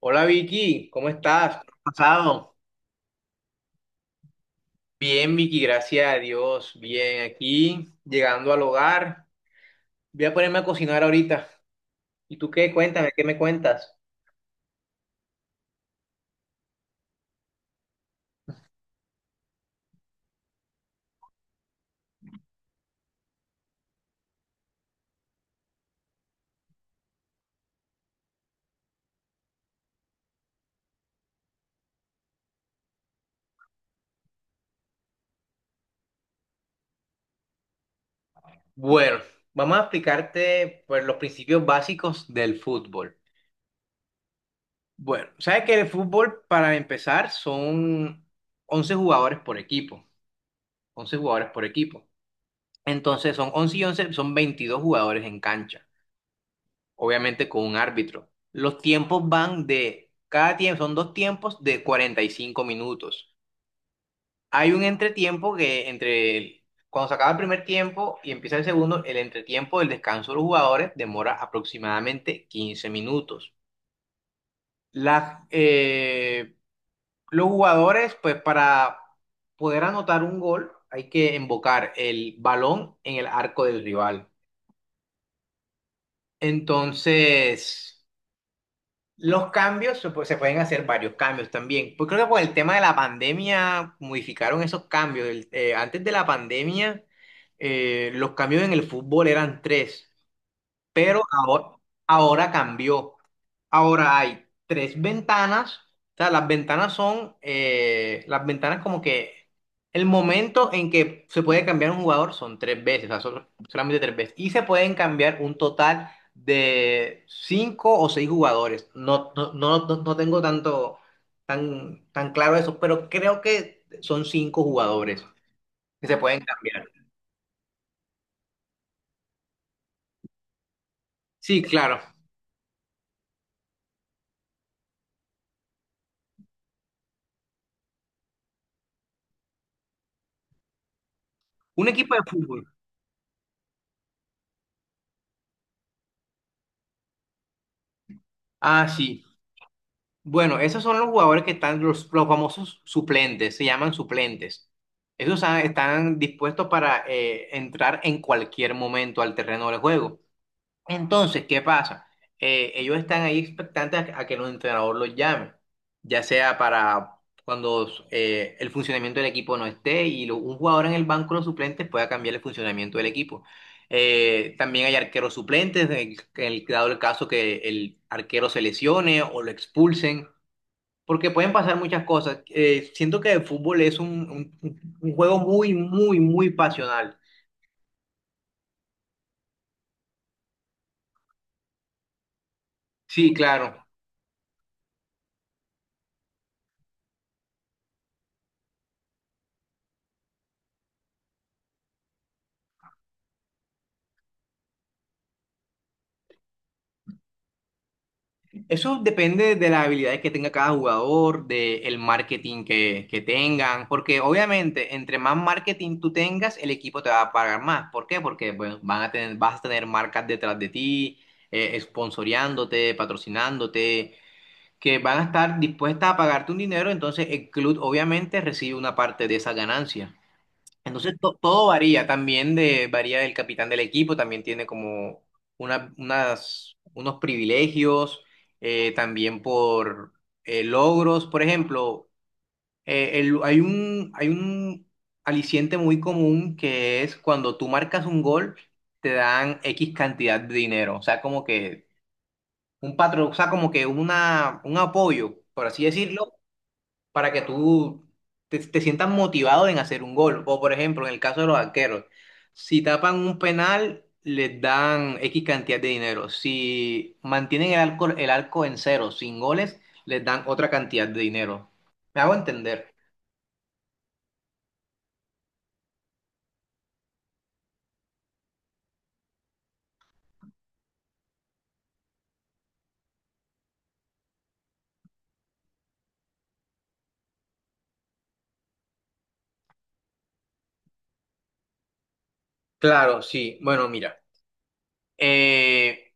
Hola Vicky, ¿cómo estás? ¿Cómo has pasado? Bien Vicky, gracias a Dios. Bien, aquí llegando al hogar. Voy a ponerme a cocinar ahorita. ¿Y tú qué? Cuéntame, ¿qué me cuentas? Bueno, vamos a explicarte pues, los principios básicos del fútbol. Bueno, sabes que el fútbol para empezar son 11 jugadores por equipo. 11 jugadores por equipo. Entonces son 11 y 11, son 22 jugadores en cancha, obviamente con un árbitro. Los tiempos van de, cada tiempo, son dos tiempos de 45 minutos. Hay un entretiempo que entre, cuando se acaba el primer tiempo y empieza el segundo, el entretiempo del descanso de los jugadores demora aproximadamente 15 minutos. Las, eh, los jugadores, pues para poder anotar un gol, hay que embocar el balón en el arco del rival. Entonces... Los cambios, se pueden hacer varios cambios también. Pues creo que por el tema de la pandemia modificaron esos cambios. Antes de la pandemia, los cambios en el fútbol eran tres, pero ahora, ahora cambió. Ahora hay tres ventanas, o sea, las ventanas son, las ventanas como que el momento en que se puede cambiar un jugador son tres veces, o sea, son solamente tres veces, y se pueden cambiar un total de cinco o seis jugadores. No, no, no, no, no tengo tan claro eso, pero creo que son cinco jugadores que se pueden cambiar. Sí, claro. Un equipo de fútbol. Ah, sí. Bueno, esos son los jugadores que están, los famosos suplentes, se llaman suplentes. Esos ah, están dispuestos para entrar en cualquier momento al terreno del juego. Entonces, ¿qué pasa? Ellos están ahí expectantes a que el entrenador los llame, ya sea para cuando el funcionamiento del equipo no esté y un jugador en el banco de los suplentes pueda cambiar el funcionamiento del equipo. También hay arqueros suplentes, en el, dado el caso que el arquero se lesione o lo expulsen, porque pueden pasar muchas cosas. Siento que el fútbol es un, un juego muy, muy, muy pasional. Sí, claro. Eso depende de las habilidades que tenga cada jugador, del marketing que tengan, porque obviamente entre más marketing tú tengas, el equipo te va a pagar más. ¿Por qué? Porque bueno, van a tener, vas a tener marcas detrás de ti, esponsoreándote, patrocinándote, que van a estar dispuestas a pagarte un dinero, entonces el club obviamente recibe una parte de esa ganancia. Entonces todo varía también de, varía del capitán del equipo, también tiene como una- unas, unos privilegios, también por logros. Por ejemplo, hay un aliciente muy común que es cuando tú marcas un gol, te dan X cantidad de dinero. O sea, como que un patrón, o sea, como que una, un apoyo, por así decirlo, para que tú te, te sientas motivado en hacer un gol. O por ejemplo, en el caso de los arqueros, si tapan un penal, les dan X cantidad de dinero. Si mantienen el arco en cero, sin goles, les dan otra cantidad de dinero. ¿Me hago entender? Claro, sí. Bueno, mira, eh,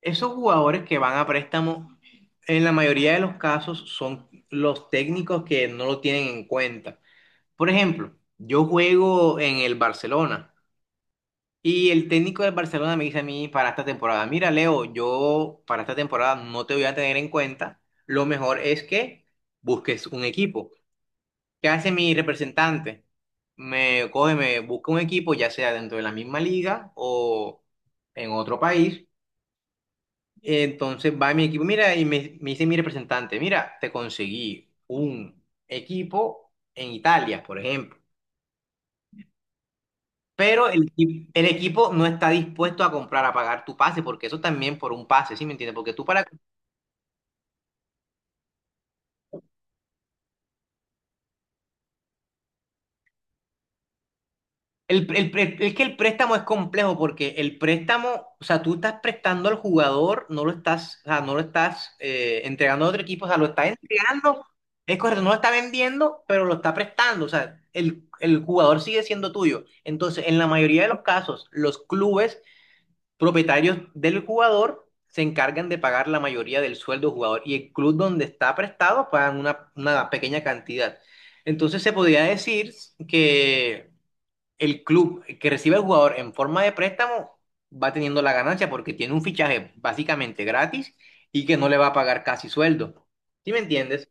esos jugadores que van a préstamo, en la mayoría de los casos son los técnicos que no lo tienen en cuenta. Por ejemplo, yo juego en el Barcelona. Y el técnico del Barcelona me dice a mí para esta temporada, mira Leo, yo para esta temporada no te voy a tener en cuenta, lo mejor es que busques un equipo. ¿Qué hace mi representante? Me coge, me busca un equipo, ya sea dentro de la misma liga o en otro país. Entonces va mi equipo, mira, y me dice mi representante, mira, te conseguí un equipo en Italia, por ejemplo. Pero el equipo no está dispuesto a comprar, a pagar tu pase, porque eso también por un pase, ¿sí me entiendes? Porque tú para... Es que el préstamo es complejo, porque el préstamo, o sea, tú estás prestando al jugador, no lo estás, o sea, no lo estás entregando a otro equipo, o sea, lo estás entregando, es correcto, no lo está vendiendo, pero lo está prestando, o sea, el jugador sigue siendo tuyo. Entonces, en la mayoría de los casos, los clubes propietarios del jugador se encargan de pagar la mayoría del sueldo del jugador y el club donde está prestado pagan una pequeña cantidad. Entonces se podría decir que el club que recibe al jugador en forma de préstamo va teniendo la ganancia porque tiene un fichaje básicamente gratis y que no le va a pagar casi sueldo. ¿Sí me entiendes?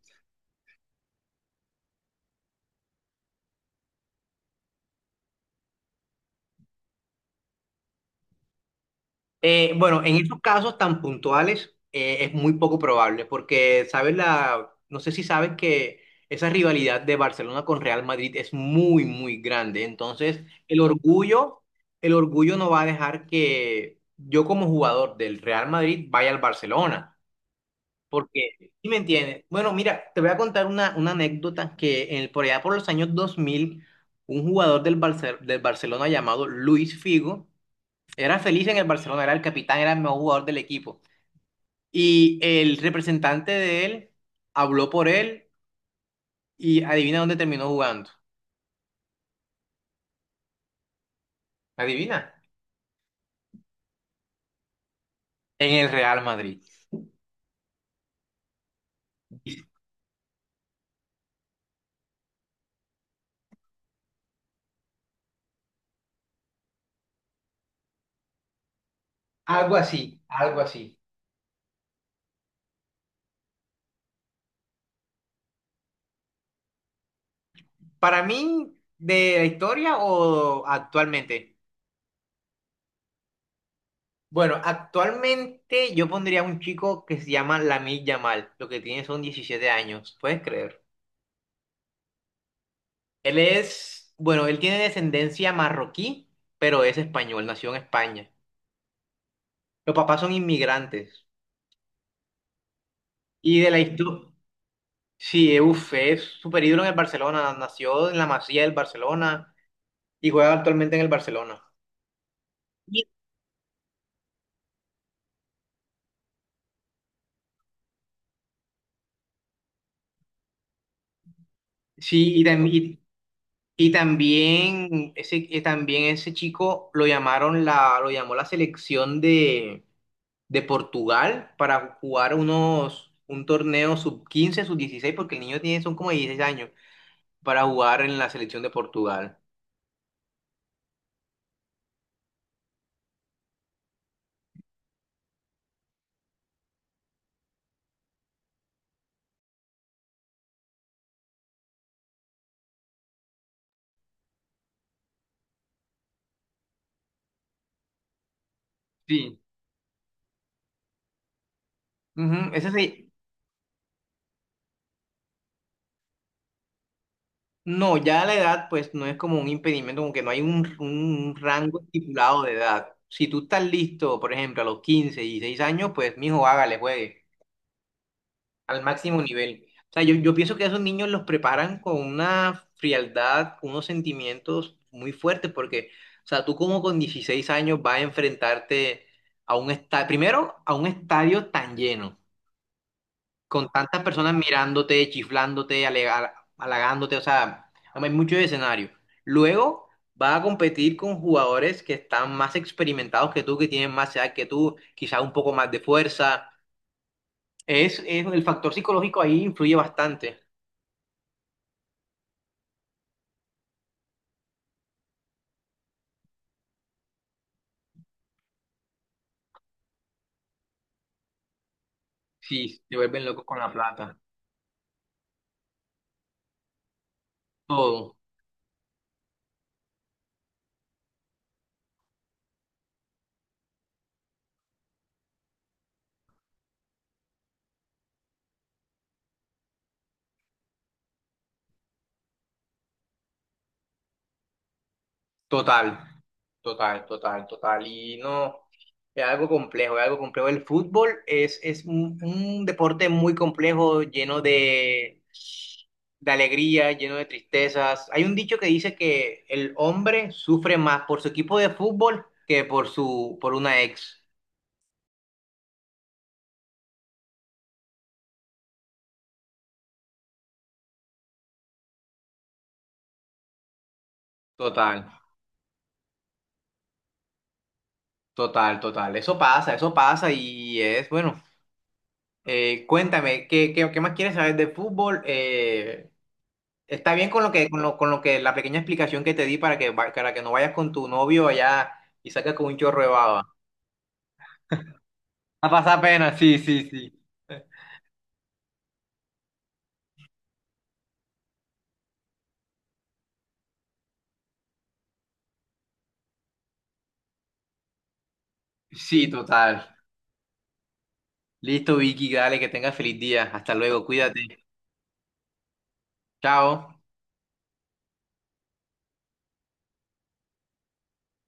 Bueno, en esos casos tan puntuales es muy poco probable, porque sabes la, no sé si sabes que esa rivalidad de Barcelona con Real Madrid es muy, muy grande. Entonces, el orgullo no va a dejar que yo como jugador del Real Madrid vaya al Barcelona, porque, ¿sí me entiendes? Bueno, mira, te voy a contar una anécdota que en, por allá por los años 2000, un jugador del, del Barcelona llamado Luis Figo era feliz en el Barcelona, era el capitán, era el mejor jugador del equipo. Y el representante de él habló por él y adivina dónde terminó jugando. ¿Adivina? En el Real Madrid. Algo así, algo así. Para mí, ¿de la historia o actualmente? Bueno, actualmente yo pondría a un chico que se llama Lamine Yamal. Lo que tiene son 17 años, ¿puedes creer? Él es, bueno, él tiene descendencia marroquí, pero es español, nació en España. Los papás son inmigrantes. Y de la historia, sí, uf, es super ídolo en el Barcelona. Nació en la Masía del Barcelona y juega actualmente en el Barcelona. Y- Sí, y, tam- y- y también ese chico lo llamaron la, lo llamó la selección de Portugal para jugar unos, un torneo sub 15 sub 16 porque el niño tiene, son como 16 años, para jugar en la selección de Portugal. Sí. Ujú, Ese, se- No, ya la edad pues no es como un impedimento, como que no hay un rango estipulado de edad. Si tú estás listo, por ejemplo, a los 15 y 6 años, pues mijo, hágale, juegue al máximo nivel. O sea, yo pienso que a esos niños los preparan con una frialdad, unos sentimientos muy fuertes, porque, o sea, tú como con 16 años vas a enfrentarte a un estadio, primero a un estadio tan lleno con tantas personas mirándote, chiflándote, halagándote, o sea, hay mucho escenario. Luego vas a competir con jugadores que están más experimentados que tú, que tienen más edad que tú, quizás un poco más de fuerza. Es el factor psicológico ahí influye bastante. Sí, se vuelven locos con la plata. Todo, total. Total, total, total. Y no, es algo complejo, es algo complejo. El fútbol es un deporte muy complejo, lleno de alegría, lleno de tristezas. Hay un dicho que dice que el hombre sufre más por su equipo de fútbol que por su, por una ex. Total, total, total. Eso pasa y es, bueno, cuéntame, ¿qué, qué, qué más quieres saber de fútbol? Está bien con lo que, la pequeña explicación que te di para que, para que no vayas con tu novio allá y saques con un chorro de baba. A pasar pena, sí, sí, sí. Sí, total. Listo, Vicky, dale, que tengas feliz día. Hasta luego, cuídate. Chao.